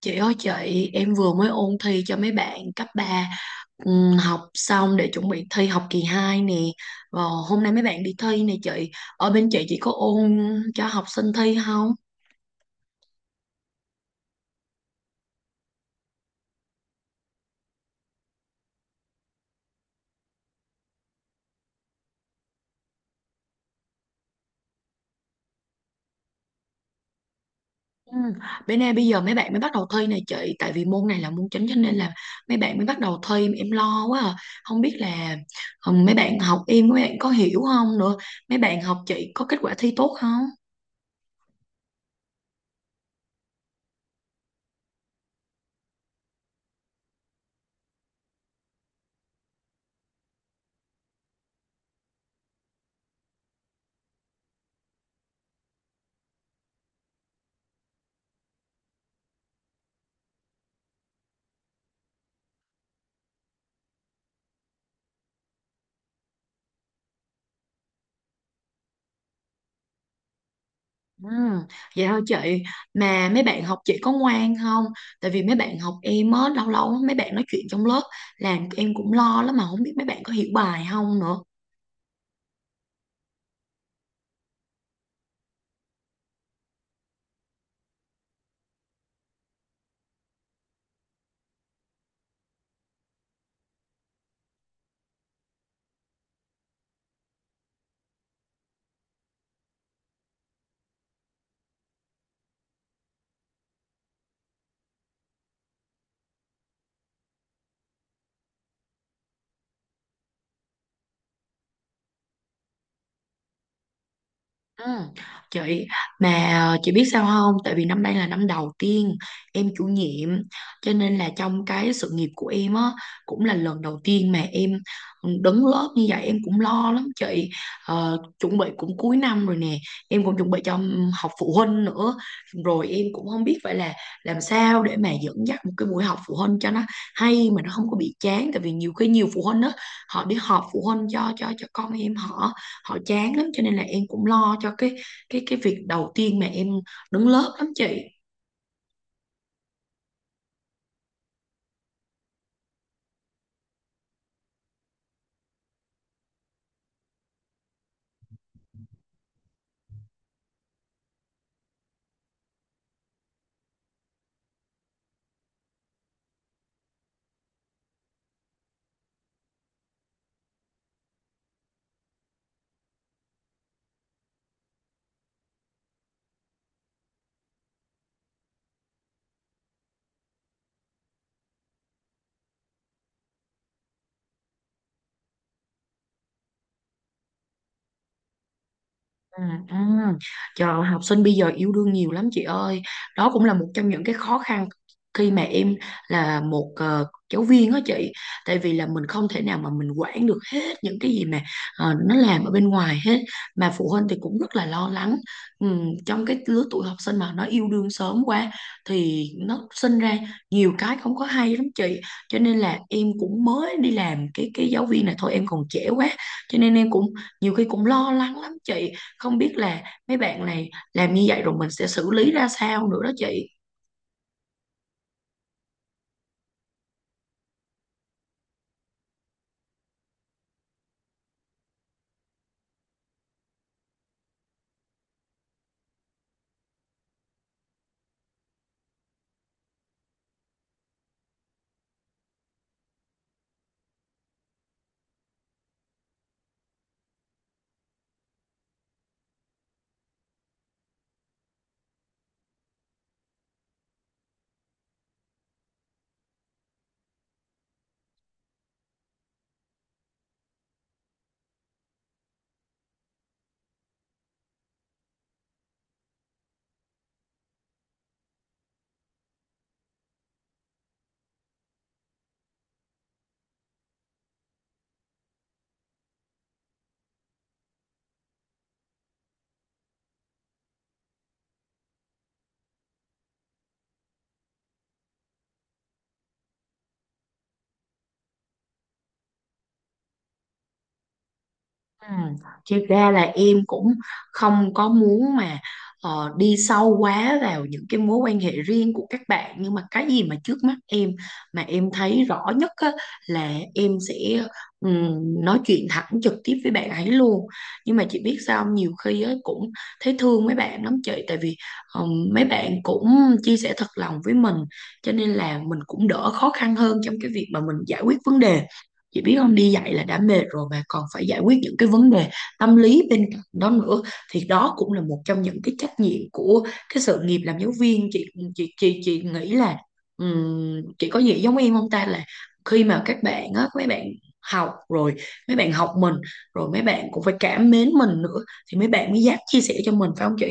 Chị ơi chị, em vừa mới ôn thi cho mấy bạn cấp ba, học xong để chuẩn bị thi học kỳ 2 nè. Và hôm nay mấy bạn đi thi nè chị. Ở bên chị có ôn cho học sinh thi không? Ừ. Bên em bây giờ mấy bạn mới bắt đầu thi nè chị, tại vì môn này là môn chính cho nên là mấy bạn mới bắt đầu thi em lo quá à. Không biết là mấy bạn học em mấy bạn có hiểu không nữa. Mấy bạn học chị có kết quả thi tốt không? Ừ, vậy thôi chị, mà mấy bạn học chị có ngoan không, tại vì mấy bạn học em á lâu lâu mấy bạn nói chuyện trong lớp làm em cũng lo lắm mà không biết mấy bạn có hiểu bài không nữa. Ừ. Chị, mà chị biết sao không, tại vì năm nay là năm đầu tiên em chủ nhiệm cho nên là trong cái sự nghiệp của em á cũng là lần đầu tiên mà em đứng lớp như vậy em cũng lo lắm chị. Chuẩn bị cũng cuối năm rồi nè, em cũng chuẩn bị cho học phụ huynh nữa, rồi em cũng không biết phải là làm sao để mà dẫn dắt một cái buổi học phụ huynh cho nó hay mà nó không có bị chán, tại vì nhiều khi nhiều phụ huynh á họ đi họp phụ huynh cho con em họ, họ chán lắm cho nên là em cũng lo cho cái việc đầu tiên mà em đứng lớp lắm chị. À, à. Trời ơi, học sinh bây giờ yêu đương nhiều lắm chị ơi, đó cũng là một trong những cái khó khăn khi mà em là một giáo viên đó chị, tại vì là mình không thể nào mà mình quản được hết những cái gì mà nó làm ở bên ngoài hết, mà phụ huynh thì cũng rất là lo lắng. Trong cái lứa tuổi học sinh mà nó yêu đương sớm quá thì nó sinh ra nhiều cái không có hay lắm chị, cho nên là em cũng mới đi làm cái giáo viên này thôi, em còn trẻ quá cho nên em cũng nhiều khi cũng lo lắng lắm chị, không biết là mấy bạn này làm như vậy rồi mình sẽ xử lý ra sao nữa đó chị. Ừ. Thực ra là em cũng không có muốn mà đi sâu quá vào những cái mối quan hệ riêng của các bạn, nhưng mà cái gì mà trước mắt em mà em thấy rõ nhất á, là em sẽ ừm, nói chuyện thẳng trực tiếp với bạn ấy luôn, nhưng mà chị biết sao không? Nhiều khi á, cũng thấy thương mấy bạn lắm chị, tại vì mấy bạn cũng chia sẻ thật lòng với mình cho nên là mình cũng đỡ khó khăn hơn trong cái việc mà mình giải quyết vấn đề. Chị biết không, đi dạy là đã mệt rồi mà còn phải giải quyết những cái vấn đề tâm lý bên cạnh đó nữa, thì đó cũng là một trong những cái trách nhiệm của cái sự nghiệp làm giáo viên chị. Chị nghĩ là, chị có nghĩ giống em không ta, là khi mà các bạn á mấy bạn học rồi mấy bạn học mình rồi mấy bạn cũng phải cảm mến mình nữa thì mấy bạn mới dám chia sẻ cho mình phải không chị?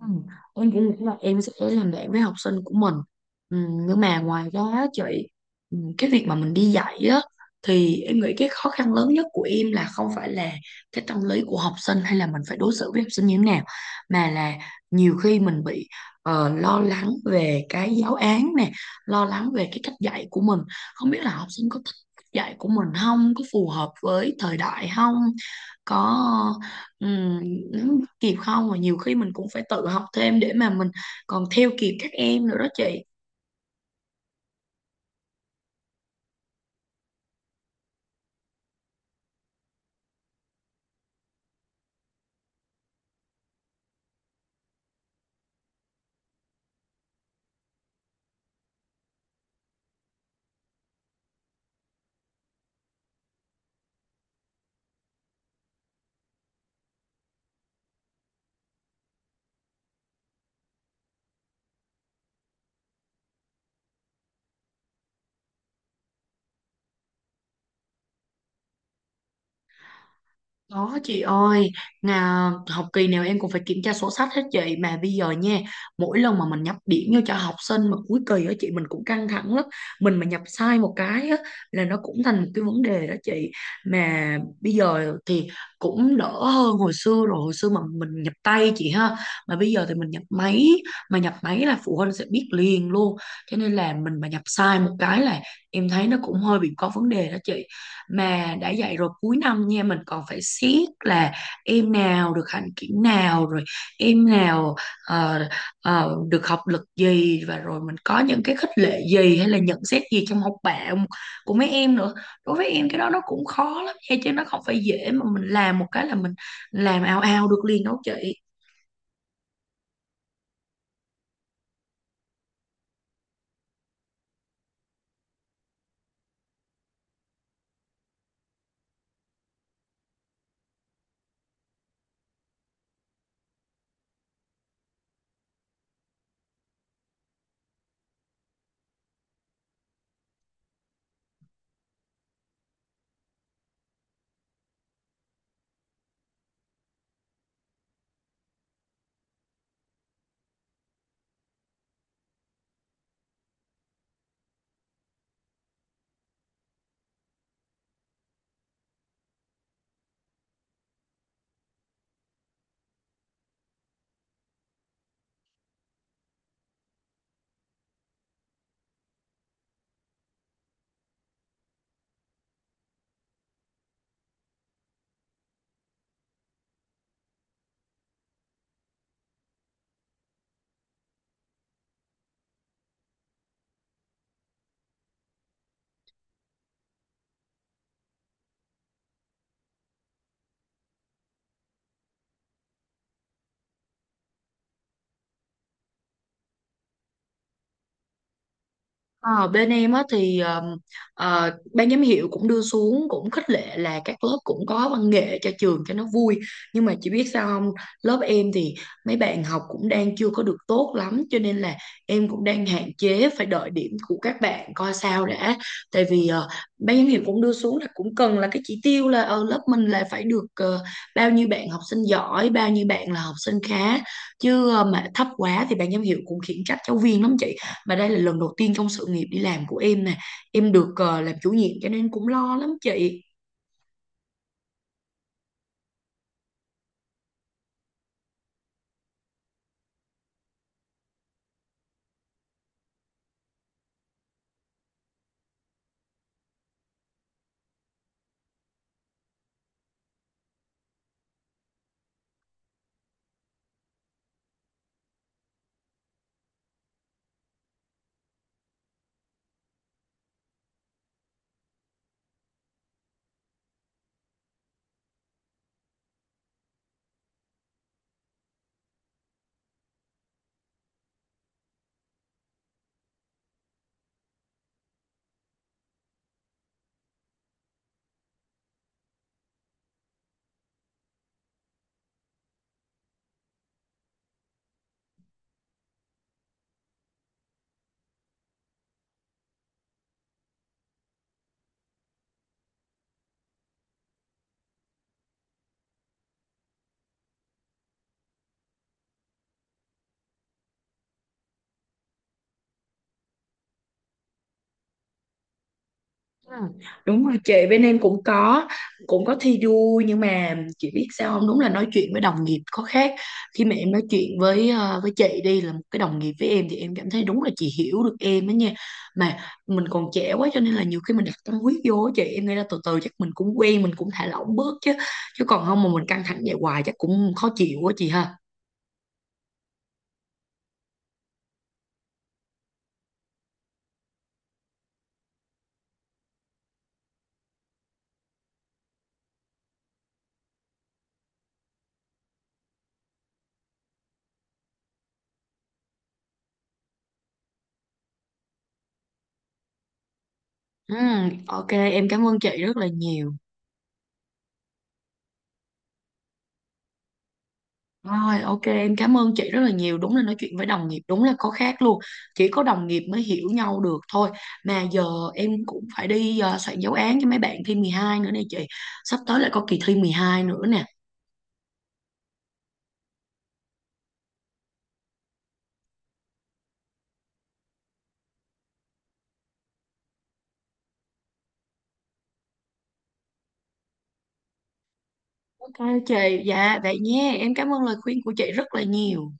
Ừ. Em cũng nghĩ là em sẽ làm bạn với học sinh của mình. Ừ, nhưng mà ngoài ra á chị, ừ, cái việc mà mình đi dạy á thì em nghĩ cái khó khăn lớn nhất của em là không phải là cái tâm lý của học sinh hay là mình phải đối xử với học sinh như thế nào, mà là nhiều khi mình bị lo lắng về cái giáo án nè, lo lắng về cái cách dạy của mình, không biết là học sinh có thích cách dạy của mình không, có phù hợp với thời đại không, có. Ừ, nếu kịp không mà nhiều khi mình cũng phải tự học thêm để mà mình còn theo kịp các em nữa đó chị. Đó chị ơi, học kỳ nào em cũng phải kiểm tra sổ sách hết chị, mà bây giờ nha, mỗi lần mà mình nhập điểm vô cho học sinh mà cuối kỳ á chị mình cũng căng thẳng lắm. Mình mà nhập sai một cái á là nó cũng thành một cái vấn đề đó chị. Mà bây giờ thì cũng đỡ hơn hồi xưa rồi, hồi xưa mà mình nhập tay chị ha. Mà bây giờ thì mình nhập máy, mà nhập máy là phụ huynh sẽ biết liền luôn. Cho nên là mình mà nhập sai một cái là em thấy nó cũng hơi bị có vấn đề đó chị, mà đã dạy rồi cuối năm nha mình còn phải siết là em nào được hạnh kiểm nào rồi em nào ờ, được học lực gì và rồi mình có những cái khích lệ gì hay là nhận xét gì trong học bạ của mấy em nữa, đối với em cái đó nó cũng khó lắm nha chứ nó không phải dễ mà mình làm một cái là mình làm ao ao được liền đâu chị. Ờ, bên em á thì ban giám hiệu cũng đưa xuống cũng khích lệ là các lớp cũng có văn nghệ cho trường cho nó vui, nhưng mà chị biết sao không, lớp em thì mấy bạn học cũng đang chưa có được tốt lắm cho nên là em cũng đang hạn chế phải đợi điểm của các bạn coi sao đã, tại vì ban giám hiệu cũng đưa xuống là cũng cần là cái chỉ tiêu là ở lớp mình là phải được bao nhiêu bạn học sinh giỏi bao nhiêu bạn là học sinh khá, chứ mà thấp quá thì ban giám hiệu cũng khiển trách giáo viên lắm chị, mà đây là lần đầu tiên trong sự nghiệp đi làm của em nè. Em được làm chủ nhiệm cho nên cũng lo lắm chị. Ừ. Đúng rồi chị, bên em cũng có thi đua, nhưng mà chị biết sao không? Đúng là nói chuyện với đồng nghiệp có khác. Khi mà em nói chuyện với với chị đi là một cái đồng nghiệp với em thì em cảm thấy đúng là chị hiểu được em đó nha. Mà mình còn trẻ quá cho nên là nhiều khi mình đặt tâm huyết vô á chị, em nghĩ là từ từ chắc mình cũng quen, mình cũng thả lỏng bớt chứ. Chứ còn không mà mình căng thẳng vậy hoài chắc cũng khó chịu quá chị ha. Ừ, ok em cảm ơn chị rất là nhiều. Rồi ok em cảm ơn chị rất là nhiều, đúng là nói chuyện với đồng nghiệp đúng là có khác luôn, chỉ có đồng nghiệp mới hiểu nhau được thôi, mà giờ em cũng phải đi soạn giáo án cho mấy bạn thi 12 nữa nè chị, sắp tới lại có kỳ thi 12 nữa nè. Ok chị, dạ vậy nhé, em cảm ơn lời khuyên của chị rất là nhiều.